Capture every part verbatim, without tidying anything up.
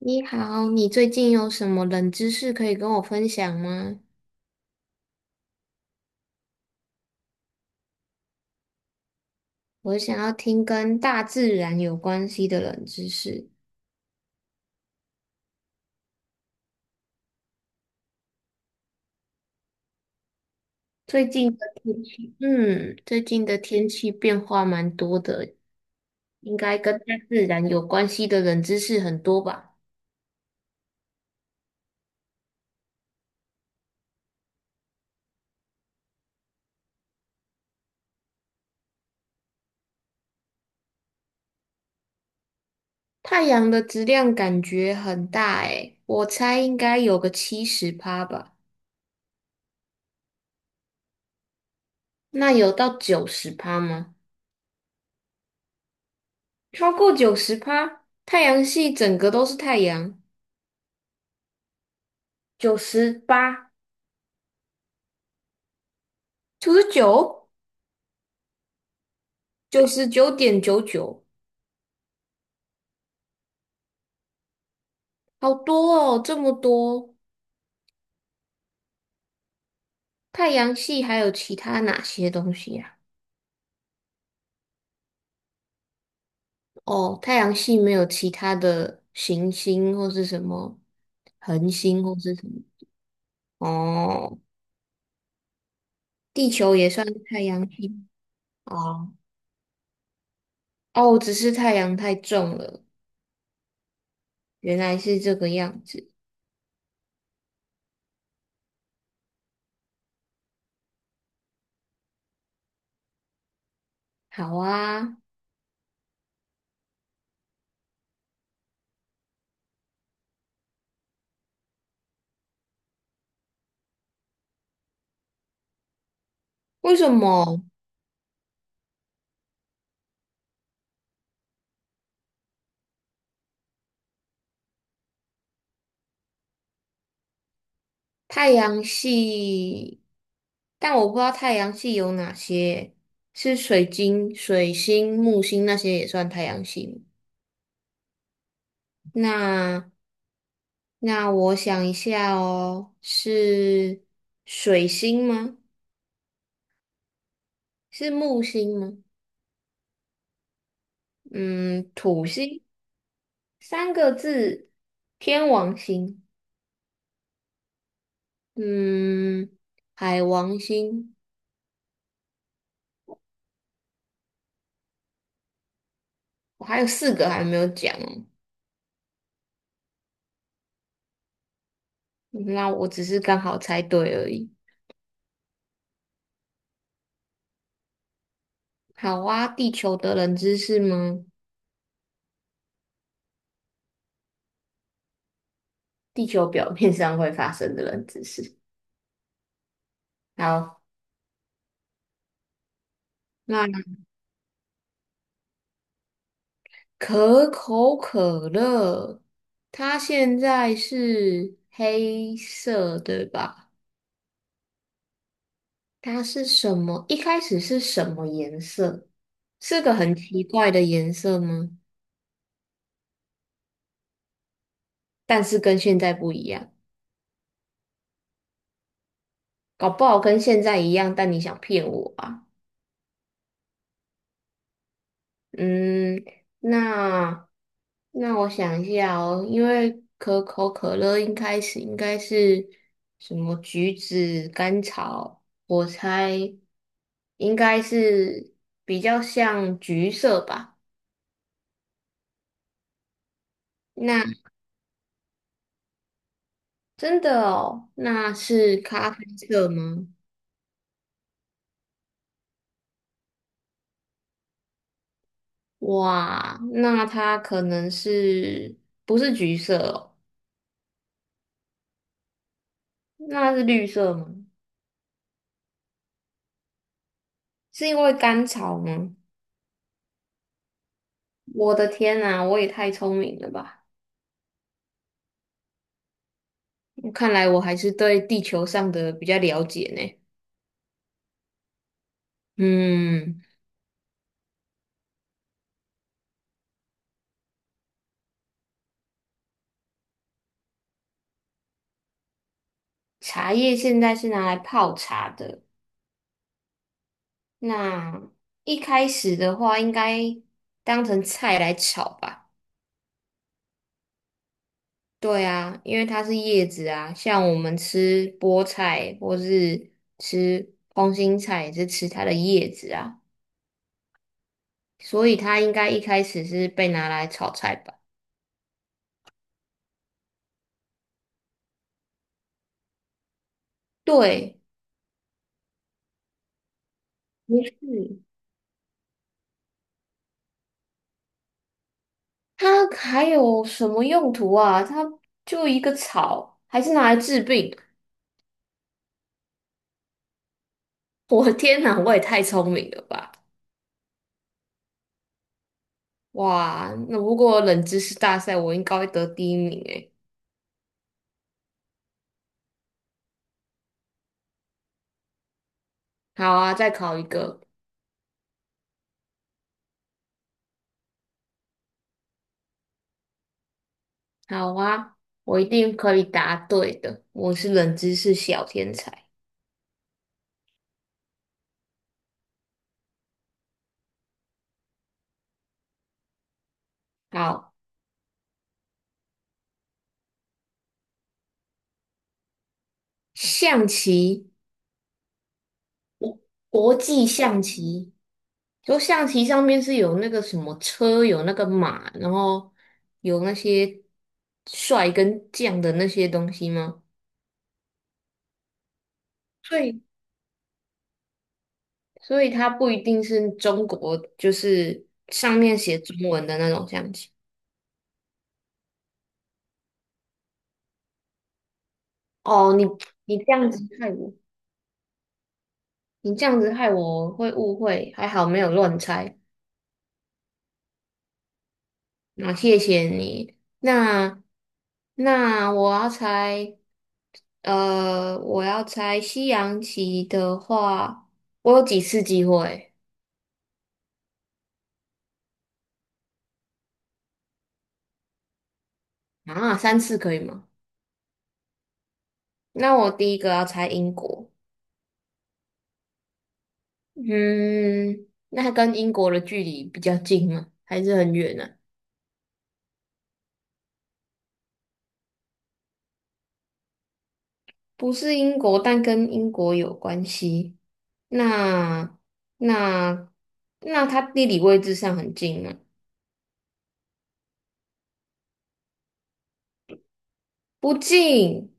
你好，你最近有什么冷知识可以跟我分享吗？我想要听跟大自然有关系的冷知识。最近的天气，嗯，最近的天气变化蛮多的，应该跟大自然有关系的冷知识很多吧？太阳的质量感觉很大诶，我猜应该有个七十趴吧？那有到九十趴吗？超过九十趴，太阳系整个都是太阳，九十八。九十九，九十九点九九，好多哦，这么多。太阳系还有其他哪些东西呀、哦，太阳系没有其他的行星或是什么恒星或是什么。哦，地球也算是太阳系哦。哦，只是太阳太重了，原来是这个样子。好啊，为什么？太阳系，但我不知道太阳系有哪些，是水晶、水星、木星那些也算太阳系吗？那那我想一下哦，是水星吗？是木星吗？嗯，土星，三个字，天王星，嗯，海王星，我还有四个还没有讲哦，那我只是刚好猜对而已。好啊，地球的冷知识吗？地球表面上会发生的冷知识。好，那可口可乐，它现在是黑色，对吧？它是什么？一开始是什么颜色？是个很奇怪的颜色吗？但是跟现在不一样，搞不好跟现在一样，但你想骗我啊？嗯，那那我想一下哦，因为可口可乐一开始应该是什么橘子、甘草，我猜应该是比较像橘色吧。那真的哦，那是咖啡色吗？哇，那它可能是不是橘色哦？那是绿色吗？是因为甘草吗？我的天呐，我也太聪明了吧！看来我还是对地球上的比较了解呢。嗯，茶叶现在是拿来泡茶的，那一开始的话应该当成菜来炒吧？对啊，因为它是叶子啊，像我们吃菠菜或是吃空心菜也是吃它的叶子啊，所以它应该一开始是被拿来炒菜吧？对，不是。它还有什么用途啊？它就一个草，还是拿来治病？我的天哪，我也太聪明了吧！哇，那如果冷知识大赛，我应该会得第一名诶。好啊，再考一个。好啊，我一定可以答对的。我是冷知识小天才。好，象棋，国际象棋就象棋上面是有那个什么车，有那个马，然后有那些帅跟将的那些东西吗？所以，所以它不一定是中国，就是上面写中文的那种象棋。哦，你你这样子害我，你这样子害我会误会，还好没有乱猜。那谢谢你。那那我要猜，呃，我要猜西洋棋的话，我有几次机会啊？三次可以吗？那我第一个要猜英国，嗯，那跟英国的距离比较近吗？还是很远呢？不是英国，但跟英国有关系。那那那它地理位置上很近吗？不近，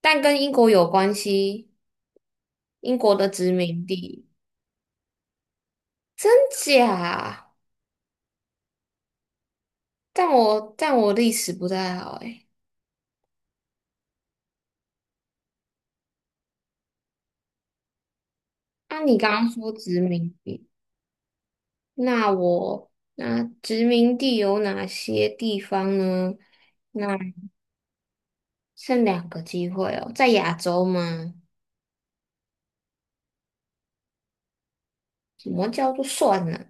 但跟英国有关系，英国的殖民地，真假？但我但我历史不太好诶。那、你刚刚说殖民地，那我那殖民地有哪些地方呢？那剩两个机会哦，在亚洲吗？什么叫做算呢、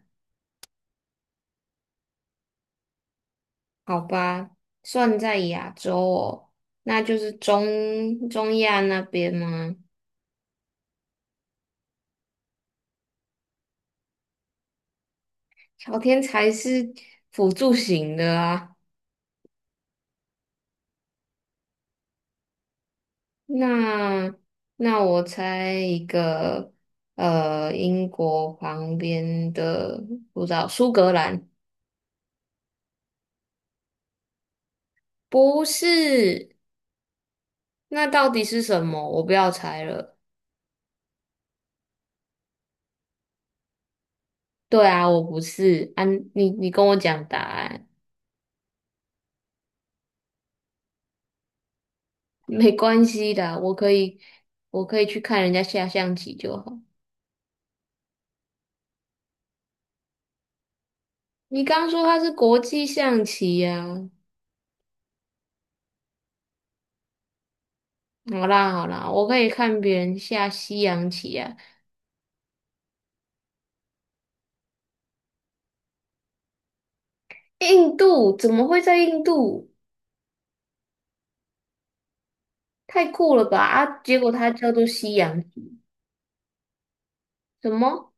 好吧，算在亚洲哦，那就是中中亚那边吗？朝天才是辅助型的啊。那那我猜一个，呃，英国旁边的，不知道苏格兰不是？那到底是什么？我不要猜了。对啊，我不是啊，你你跟我讲答案，没关系的，我可以我可以去看人家下象棋就好。你刚说它是国际象棋呀、啊好啦好啦，我可以看别人下西洋棋呀、印度怎么会在印度？太酷了吧！啊，结果它叫做西洋棋，什么？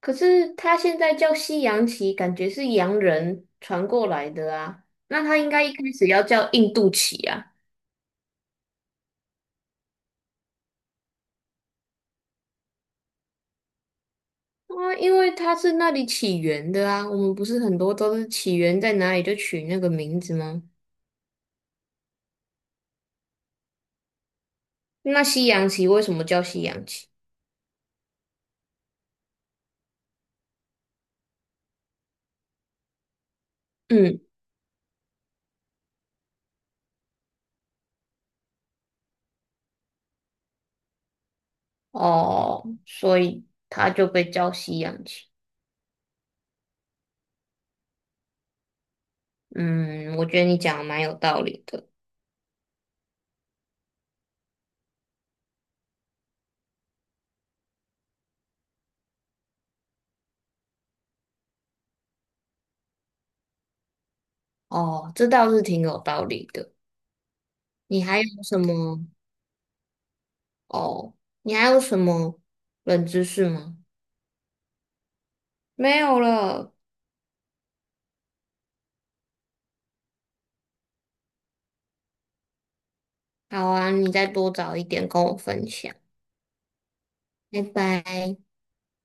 可是它现在叫西洋棋，感觉是洋人传过来的啊。那它应该一开始要叫印度棋啊，啊，因为它是那里起源的啊。我们不是很多都是起源在哪里就取那个名字吗？那西洋棋为什么叫西洋棋？嗯，哦，所以它就被叫西洋棋。嗯，我觉得你讲的蛮有道理的。哦，这倒是挺有道理的。你还有什么？哦，你还有什么冷知识吗？没有了。好啊，你再多找一点跟我分享。拜拜。